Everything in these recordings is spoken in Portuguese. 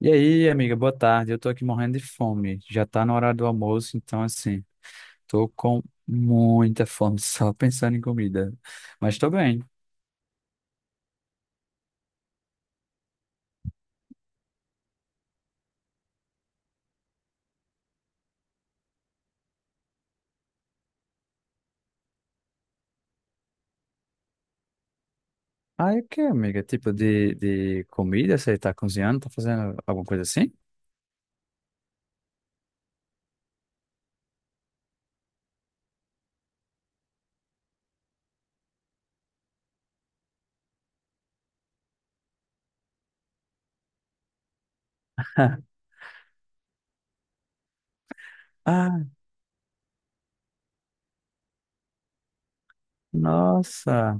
E aí, amiga, boa tarde. Eu tô aqui morrendo de fome. Já tá na hora do almoço, então assim, tô com muita fome só pensando em comida. Mas tô bem. Ah, e o que, amiga? Tipo de comida? Você tá cozinhando? Tá fazendo alguma coisa assim? Ah, nossa.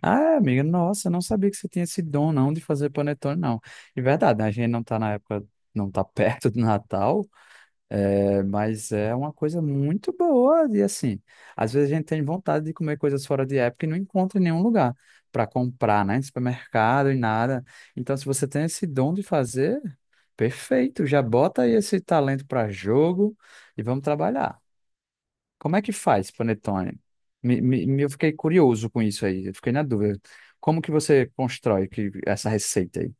Ah, amiga, nossa, eu não sabia que você tinha esse dom não de fazer panetone, não. É verdade, né? A gente não tá na época, não tá perto do Natal. É, mas é uma coisa muito boa e assim, às vezes a gente tem vontade de comer coisas fora de época e não encontra em nenhum lugar para comprar, né? Em supermercado e nada. Então, se você tem esse dom de fazer, perfeito, já bota aí esse talento para jogo e vamos trabalhar. Como é que faz, panetone? Eu fiquei curioso com isso aí, eu fiquei na dúvida. Como que você constrói que, essa receita aí?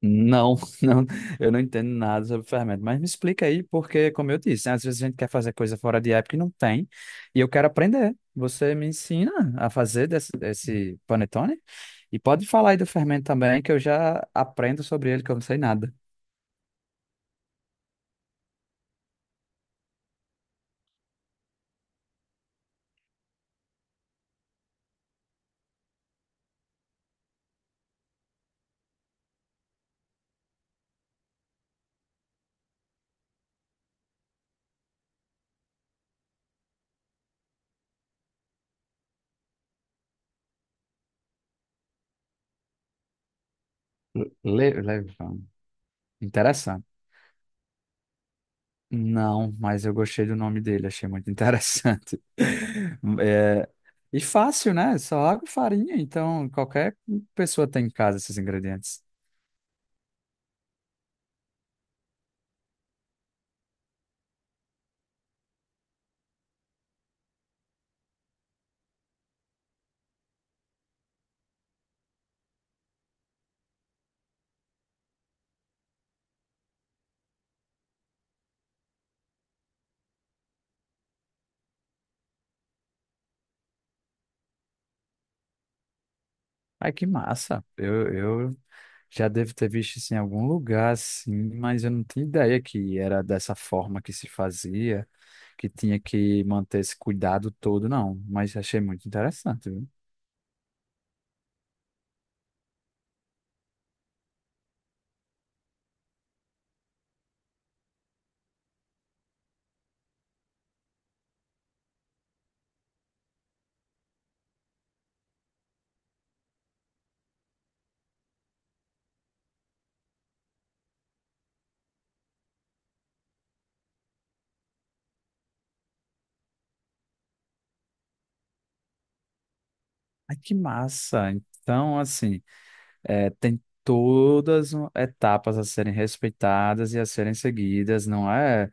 Não, não, eu não entendo nada sobre fermento, mas me explica aí, porque, como eu disse, né, às vezes a gente quer fazer coisa fora de época e não tem, e eu quero aprender. Você me ensina a fazer desse panetone? E pode falar aí do fermento também, que eu já aprendo sobre ele, que eu não sei nada. Levan. Interessante. Não, mas eu gostei do nome dele, achei muito interessante. É, e fácil, né? Só água e farinha, então qualquer pessoa tem em casa esses ingredientes. Ai, que massa. Eu já devo ter visto isso em algum lugar, assim, mas eu não tinha ideia que era dessa forma que se fazia, que tinha que manter esse cuidado todo, não. Mas achei muito interessante, viu? Ai, que massa. Então, assim, é, tem todas etapas a serem respeitadas e a serem seguidas. Não é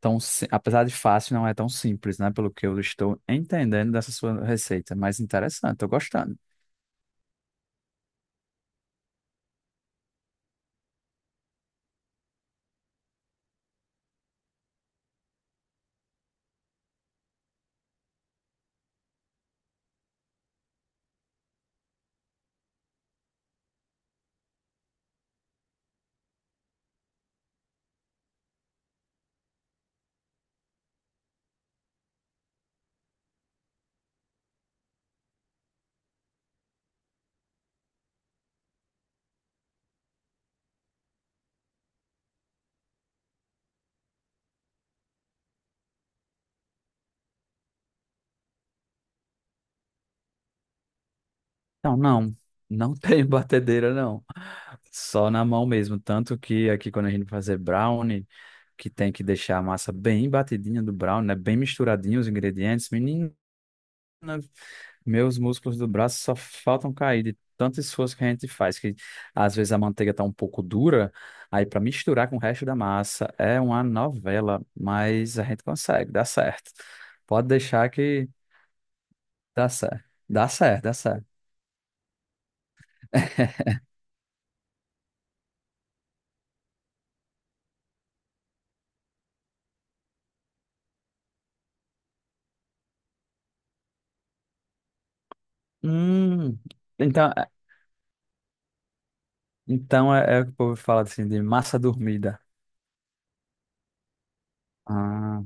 tão, apesar de fácil, não é tão simples, né? Pelo que eu estou entendendo dessa sua receita, mas interessante, tô gostando. Então, não, não tem batedeira, não. Só na mão mesmo. Tanto que aqui quando a gente vai fazer brownie, que tem que deixar a massa bem batidinha do brownie, né? Bem misturadinho os ingredientes. Menina, meus músculos do braço só faltam cair de tanto esforço que a gente faz, que às vezes a manteiga tá um pouco dura, aí para misturar com o resto da massa é uma novela, mas a gente consegue, dá certo. Pode deixar que dá certo. Dá certo, dá certo. Hum, então. Então é, é o que o povo fala assim de massa dormida. Ah,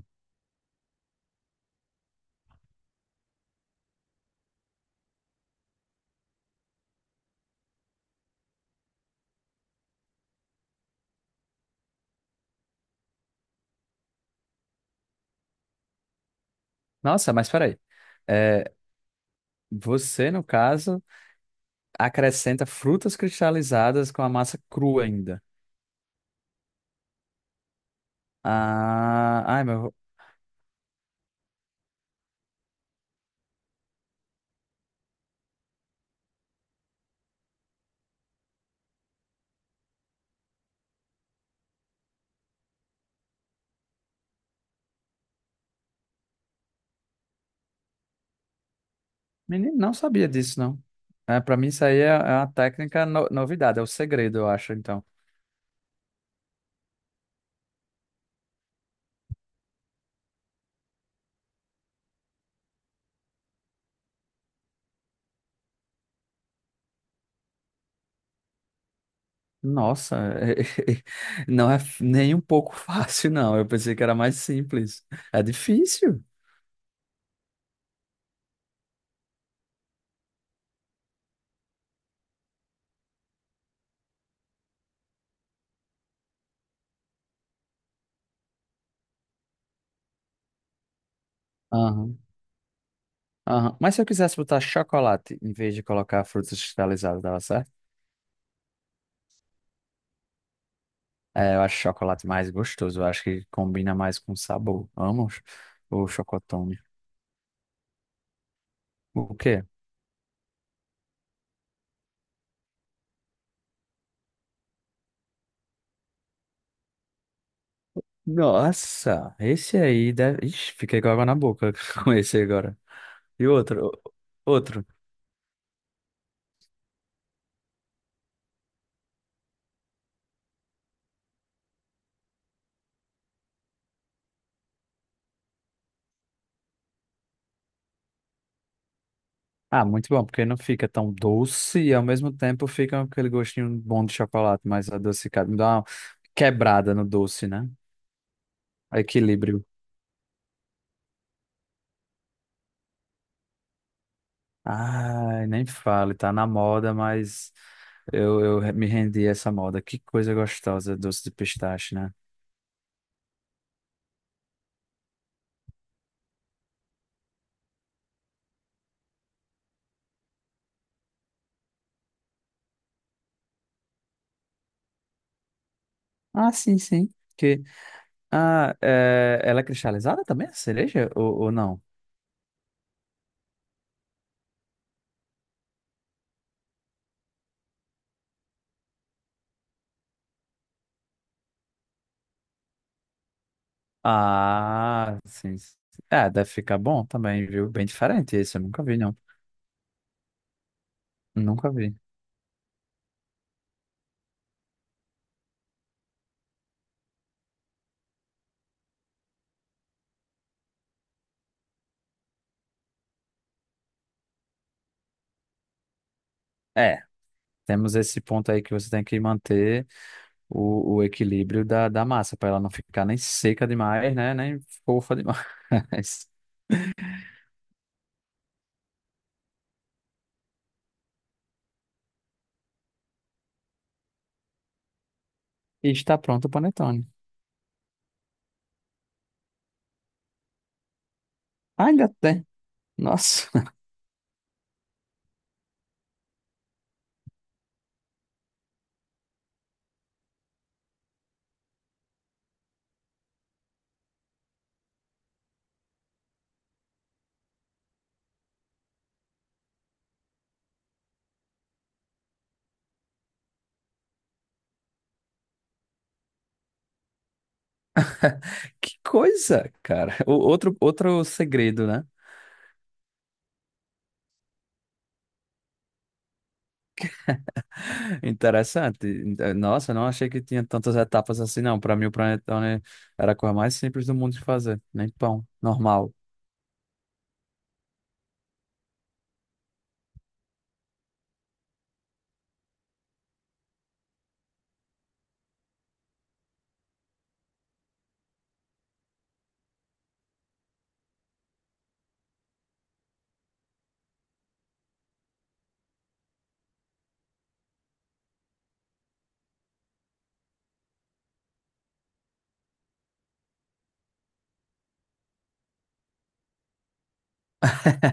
nossa, mas peraí. É, você, no caso, acrescenta frutas cristalizadas com a massa crua ainda. Ah, ai, meu. Menino, não sabia disso, não. É, para mim, isso aí é, é uma técnica novidade, é o segredo, eu acho, então. Nossa, não é nem um pouco fácil, não. Eu pensei que era mais simples. É difícil. Aham, aham. Mas se eu quisesse botar chocolate em vez de colocar frutas cristalizadas, dava certo? É, eu acho chocolate mais gostoso. Eu acho que combina mais com sabor. Vamos? O chocotone. O quê? Nossa, esse aí deve... Ixi, fiquei com água na boca com esse agora. E outro? Outro. Ah, muito bom, porque não fica tão doce e ao mesmo tempo fica aquele gostinho bom de chocolate, mais adocicado. Me dá uma quebrada no doce, né? Equilíbrio. Ai, nem fale, tá na moda, mas eu me rendi a essa moda. Que coisa gostosa, doce de pistache, né? Ah, sim, sim. Que, ah, é, ela é cristalizada também, a cereja? Ou não? Ah, sim, sim. É, deve ficar bom também, viu? Bem diferente esse, eu nunca vi, não. Nunca vi. É, temos esse ponto aí que você tem que manter o equilíbrio da massa, para ela não ficar nem seca demais, né? Nem fofa demais. E está pronto o panetone. Ah, ainda tem. Nossa, que coisa, cara. O, outro, outro segredo, né? Interessante. Nossa, não achei que tinha tantas etapas assim, não. Para mim, o panetone era a coisa mais simples do mundo de fazer. Nem pão, normal.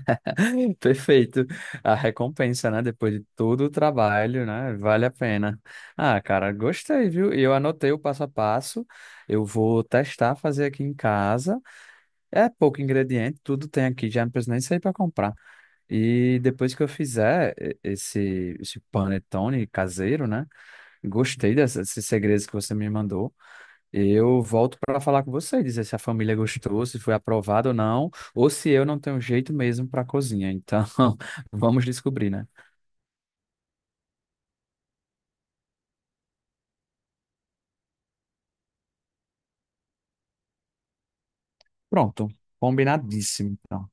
Perfeito. A recompensa, né? Depois de todo o trabalho, né? Vale a pena. Ah, cara, gostei, viu? E eu anotei o passo a passo. Eu vou testar fazer aqui em casa. É pouco ingrediente, tudo tem aqui, já não preciso nem sair para comprar. E depois que eu fizer esse, esse panetone caseiro, né? Gostei desses segredos que você me mandou. Eu volto para falar com você, dizer se a família gostou, se foi aprovado ou não, ou se eu não tenho jeito mesmo para cozinha. Então, vamos descobrir, né? Pronto, combinadíssimo, então.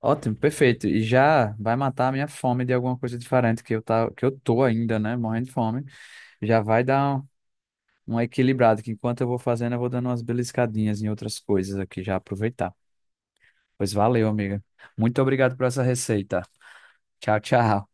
Ótimo, perfeito. E já vai matar a minha fome de alguma coisa diferente que eu tá, que eu tô ainda, né, morrendo de fome. Já vai dar um, um equilibrado, que enquanto eu vou fazendo, eu vou dando umas beliscadinhas em outras coisas aqui, já aproveitar. Pois valeu, amiga. Muito obrigado por essa receita. Tchau, tchau.